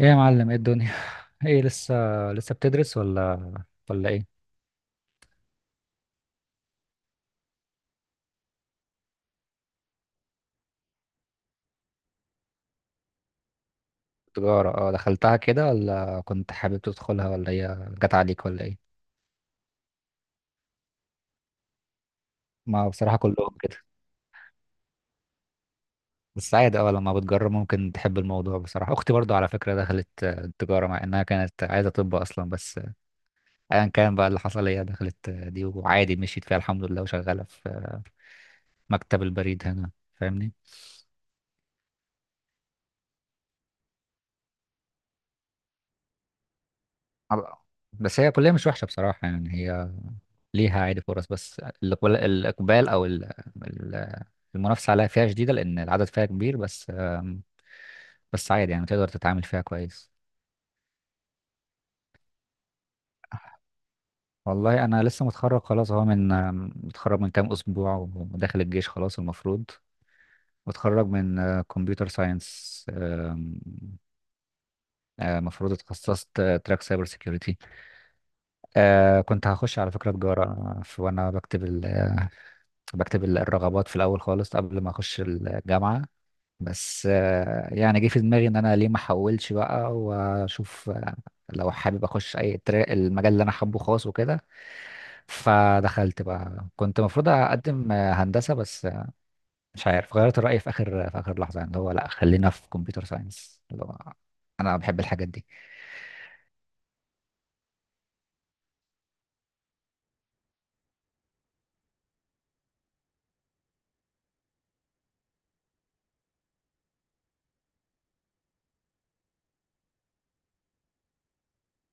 ايه يا معلم، ايه الدنيا؟ ايه لسه؟ لسه بتدرس ولا ولا ايه؟ تجارة، اه، دخلتها كده ولا كنت حابب تدخلها ولا هي جت عليك ولا ايه؟ ما بصراحة كلهم كده. بس عادي، اه، لما بتجرب ممكن تحب الموضوع. بصراحة اختي برضو على فكرة دخلت تجارة مع انها كانت عايزة طب اصلا، بس ايا كان بقى اللي حصل، هي دخلت دي وعادي، مشيت فيها الحمد لله وشغالة في مكتب البريد هنا. فاهمني؟ أب- بس هي كلية مش وحشة بصراحة، يعني هي ليها عادي فرص، بس الإقبال، الإقبال أو ال- المنافسة عليها فيها شديدة لأن العدد فيها كبير، بس بس عادي يعني تقدر تتعامل فيها كويس. والله أنا لسه متخرج خلاص أهو، من متخرج من كام أسبوع وداخل الجيش خلاص المفروض. متخرج من كمبيوتر ساينس. المفروض اتخصصت تراك سايبر سيكيورتي. آه، كنت هخش على فكرة تجارة. وأنا بكتب الرغبات في الأول خالص قبل ما أخش الجامعة، بس يعني جه في دماغي ان انا ليه ما احولش بقى واشوف لو حابب اخش اي تراك، المجال اللي انا حابه خاص وكده. فدخلت بقى، كنت المفروض اقدم هندسه، بس مش عارف غيرت الراي في اخر، في اخر لحظه، يعني اللي هو لا خلينا في كمبيوتر ساينس، اللي هو انا بحب الحاجات دي.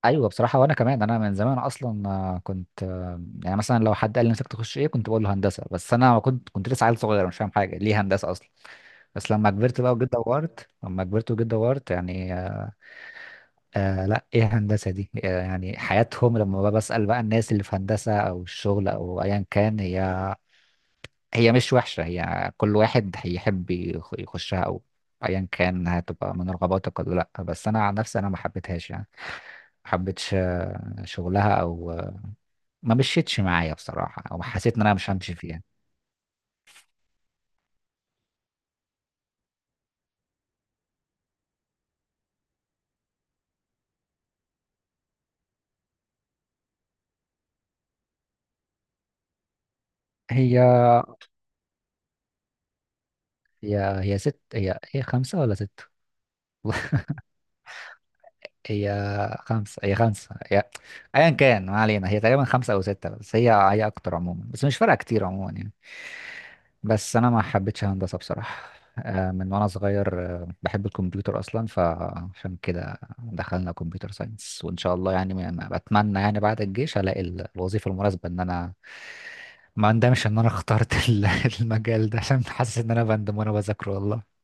ايوه بصراحه، وانا كمان انا من زمان اصلا كنت يعني مثلا لو حد قال لي نفسك تخش ايه كنت بقول له هندسه، بس انا كنت لسه عيل صغير مش فاهم حاجه، ليه هندسه اصلا؟ بس لما كبرت بقى وجيت دورت، لما كبرت وجيت دورت، يعني آه، لا ايه هندسة دي؟ آه يعني حياتهم. لما بقى بسأل بقى الناس اللي في هندسة او الشغل او ايا كان، هي مش وحشة، هي كل واحد هيحب يخشها او ايا كان هتبقى من رغباتك ولا لا. بس انا عن نفسي انا ما حبيتهاش يعني. ما حبيتش شغلها او ما مشيتش معايا بصراحة، او حسيت ان انا مش همشي فيها. هي هي ست، هي خمسة ولا ستة؟ هي خمسة، هي خمسة، هي أيا كان ما علينا، هي تقريبا خمسة أو ستة، بس هي أكتر عموما، بس مش فارقة كتير عموما يعني. بس أنا ما حبيتش هندسة بصراحة. آه، من وأنا صغير آه، بحب الكمبيوتر أصلا، فعشان كده دخلنا كمبيوتر ساينس، وإن شاء الله يعني أنا بتمنى يعني بعد الجيش ألاقي الوظيفة المناسبة، إن أنا ما أندمش إن أنا اخترت المجال ده، عشان حاسس إن أنا بندم وأنا بذاكره والله.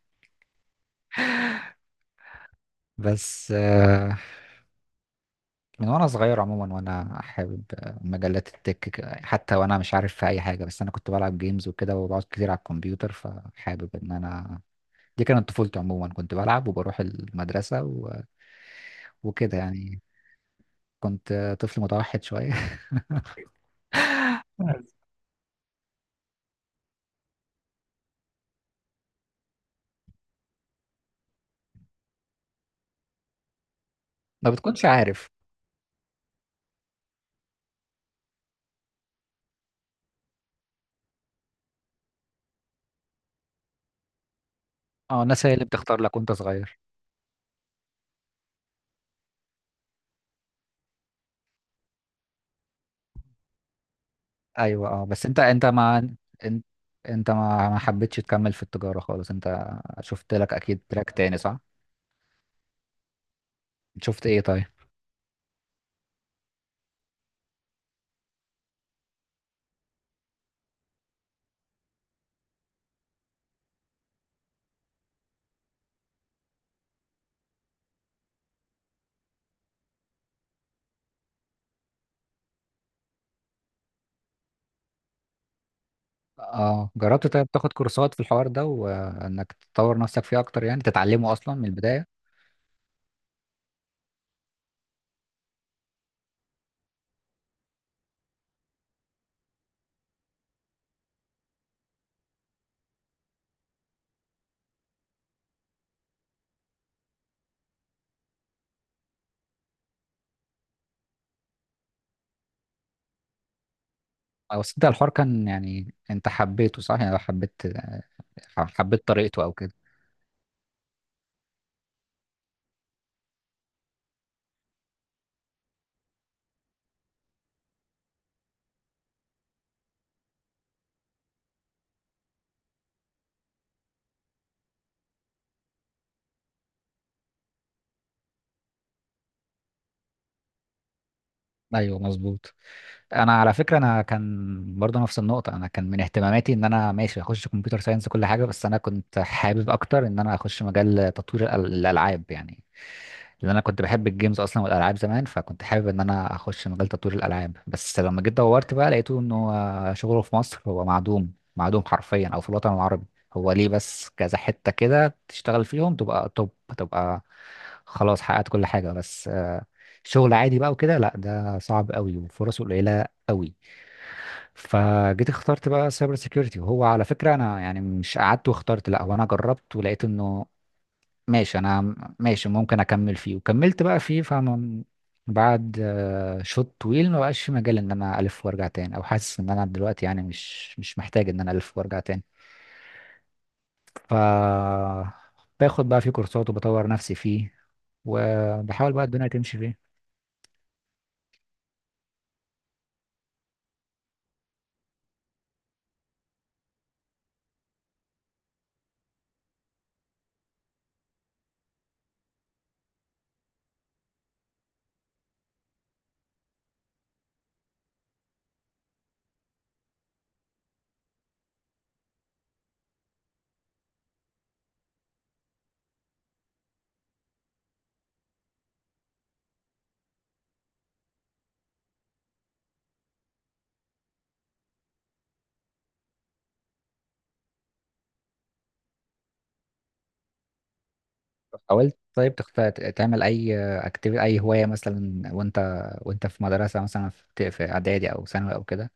بس من وانا صغير عموما وانا حابب مجلات التك، حتى وانا مش عارف في اي حاجه، بس انا كنت بلعب جيمز وكده، وبقعد كتير على الكمبيوتر، فحابب ان انا، دي كانت طفولتي عموما، كنت بلعب وبروح المدرسه و... وكده يعني. كنت طفل متوحد شويه. ما بتكونش عارف. اه الناس هي اللي بتختار لك وانت صغير. ايوه، اه، بس انت انت ما حبيتش تكمل في التجاره خالص، انت شفت لك اكيد تراك تاني، صح؟ شفت ايه طيب؟ اه، جربت طيب تاخد كورسات في الحوار ده، وانك تطور نفسك فيه اكتر، يعني تتعلمه اصلا من البدايه؟ او بس انت الحوار كان، يعني انت حبيته، صح؟ يعني حبيت، حبيت طريقته او كده؟ ايوه مظبوط. انا على فكره انا كان برضه نفس النقطه، انا كان من اهتماماتي ان انا ماشي اخش كمبيوتر ساينس، كل حاجه، بس انا كنت حابب اكتر ان انا اخش مجال تطوير الالعاب يعني. لان انا كنت بحب الجيمز اصلا والالعاب زمان، فكنت حابب ان انا اخش مجال تطوير الالعاب. بس لما جيت دورت بقى لقيته انه شغله في مصر هو معدوم، معدوم حرفيا، او في الوطن العربي. هو ليه بس كذا حته كده تشتغل فيهم تبقى توب، تبقى خلاص حققت كل حاجه، بس شغل عادي بقى وكده لا، ده صعب قوي وفرصه قليله قوي. فجيت اخترت بقى سايبر سيكيورتي، وهو على فكره انا يعني مش قعدت واخترت، لا هو انا جربت ولقيت انه ماشي انا ماشي، ممكن اكمل فيه، وكملت بقى فيه، فاهم؟ بعد شوط طويل ما بقاش في مجال ان انا الف وارجع تاني، او حاسس ان انا دلوقتي يعني مش مش محتاج ان انا الف وارجع تاني. ف باخد بقى فيه كورسات وبطور نفسي فيه، وبحاول بقى الدنيا تمشي فيه. حاولت طيب تعمل اي اكتيفيتي، اي هوايه مثلا، وانت وانت في مدرسه مثلا، في في اعدادي او ثانوي او كده؟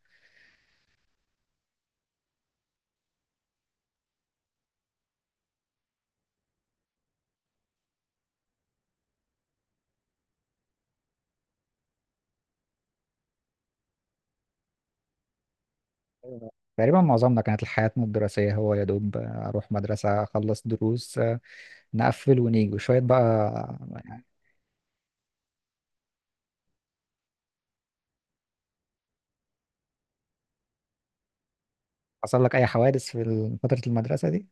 تقريبا معظمنا كانت حياتنا الدراسيه هو يا دوب اروح مدرسه، اخلص دروس، نقفل ونيجي وشويه بقى يعني. حصل لك اي حوادث في فتره المدرسه دي؟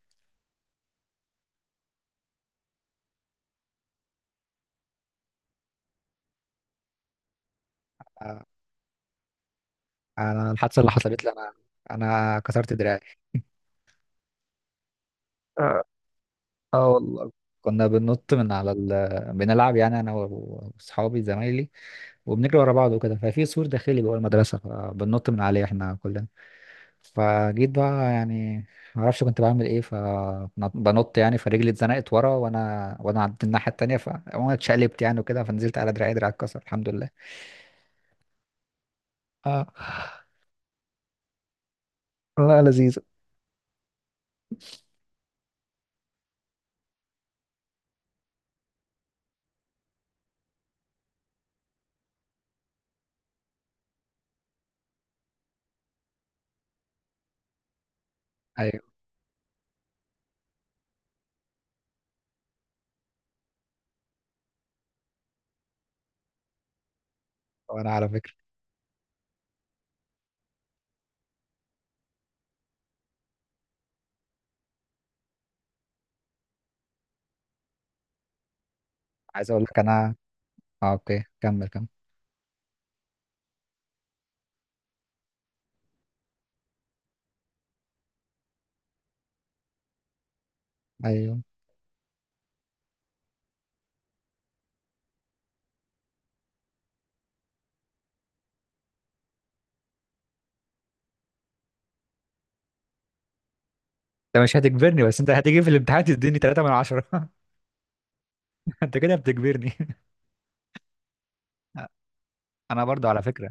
آه، انا الحادثه اللي حصلت لي انا، انا كسرت دراعي. اه، آه والله، كنا بننط من على ال... بنلعب يعني انا واصحابي زمايلي، وبنجري ورا بعض وكده. ففي سور داخلي جوه المدرسه، فبننط من عليه احنا كلنا. فجيت بقى يعني ما اعرفش كنت بعمل ايه، فبنط يعني، فرجلي اتزنقت ورا وانا عدت الناحيه التانيه، فانا اتشقلبت يعني وكده، فنزلت على دراعي، دراعي اتكسر الحمد لله. اه، والله لذيذة. ايوه، وانا على فكره عايز اقول لك انا. اه اوكي، كمل كمل. ايوه، انت مش هتجبرني، بس انت هتيجي في الامتحان تديني 3 من 10. انت كده بتجبرني. انا برضو على فكره،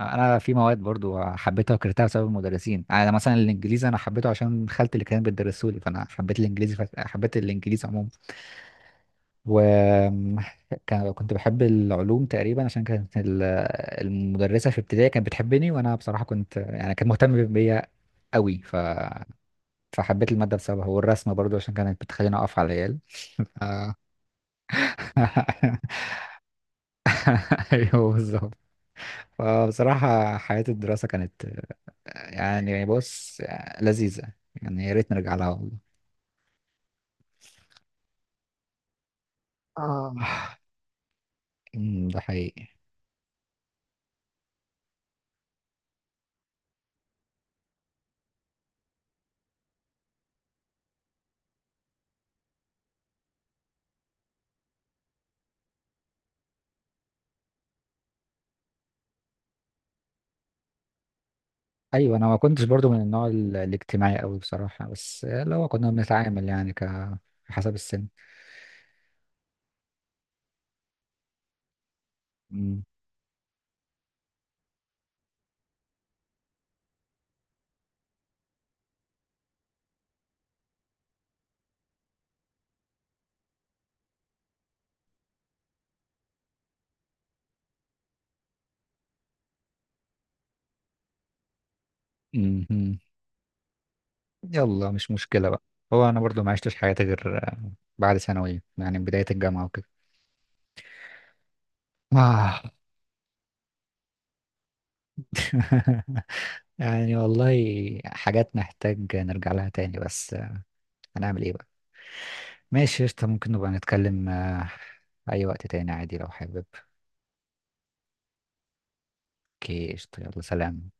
انا في مواد برضو حبيتها وكرهتها بسبب المدرسين، يعني انا مثلا الانجليزي، انا حبيته عشان خالتي اللي كانت بتدرسه لي، فانا حبيت الانجليزي، ف... حبيت الانجليزي عموما. و كنت بحب العلوم تقريبا عشان كانت المدرسه في ابتدائي كانت بتحبني، وانا بصراحه كنت يعني كانت مهتمه بيا قوي، ف... فحبيت الماده بسببها. والرسم برضو عشان كانت بتخليني اقف على العيال. ف- ايوه بالظبط. فبصراحة حياة الدراسة كانت يعني بص، لذيذة، يعني يا ريت نرجع لها والله. اه، أمم، ده حقيقي. أيوة أنا ما كنتش برضو من النوع الاجتماعي أوي بصراحة، بس لو كنا بنتعامل يعني حسب السن. أمم، أمم. يلا مش مشكلة بقى. هو أنا برضو ما عشتش حياتي غير بعد ثانوي، يعني بداية الجامعة وكده. آه. يعني والله، حاجات نحتاج نرجع لها تاني، بس هنعمل إيه بقى؟ ماشي قشطة، ممكن نبقى نتكلم أي وقت تاني عادي لو حابب. اوكي قشطة، يلا سلام.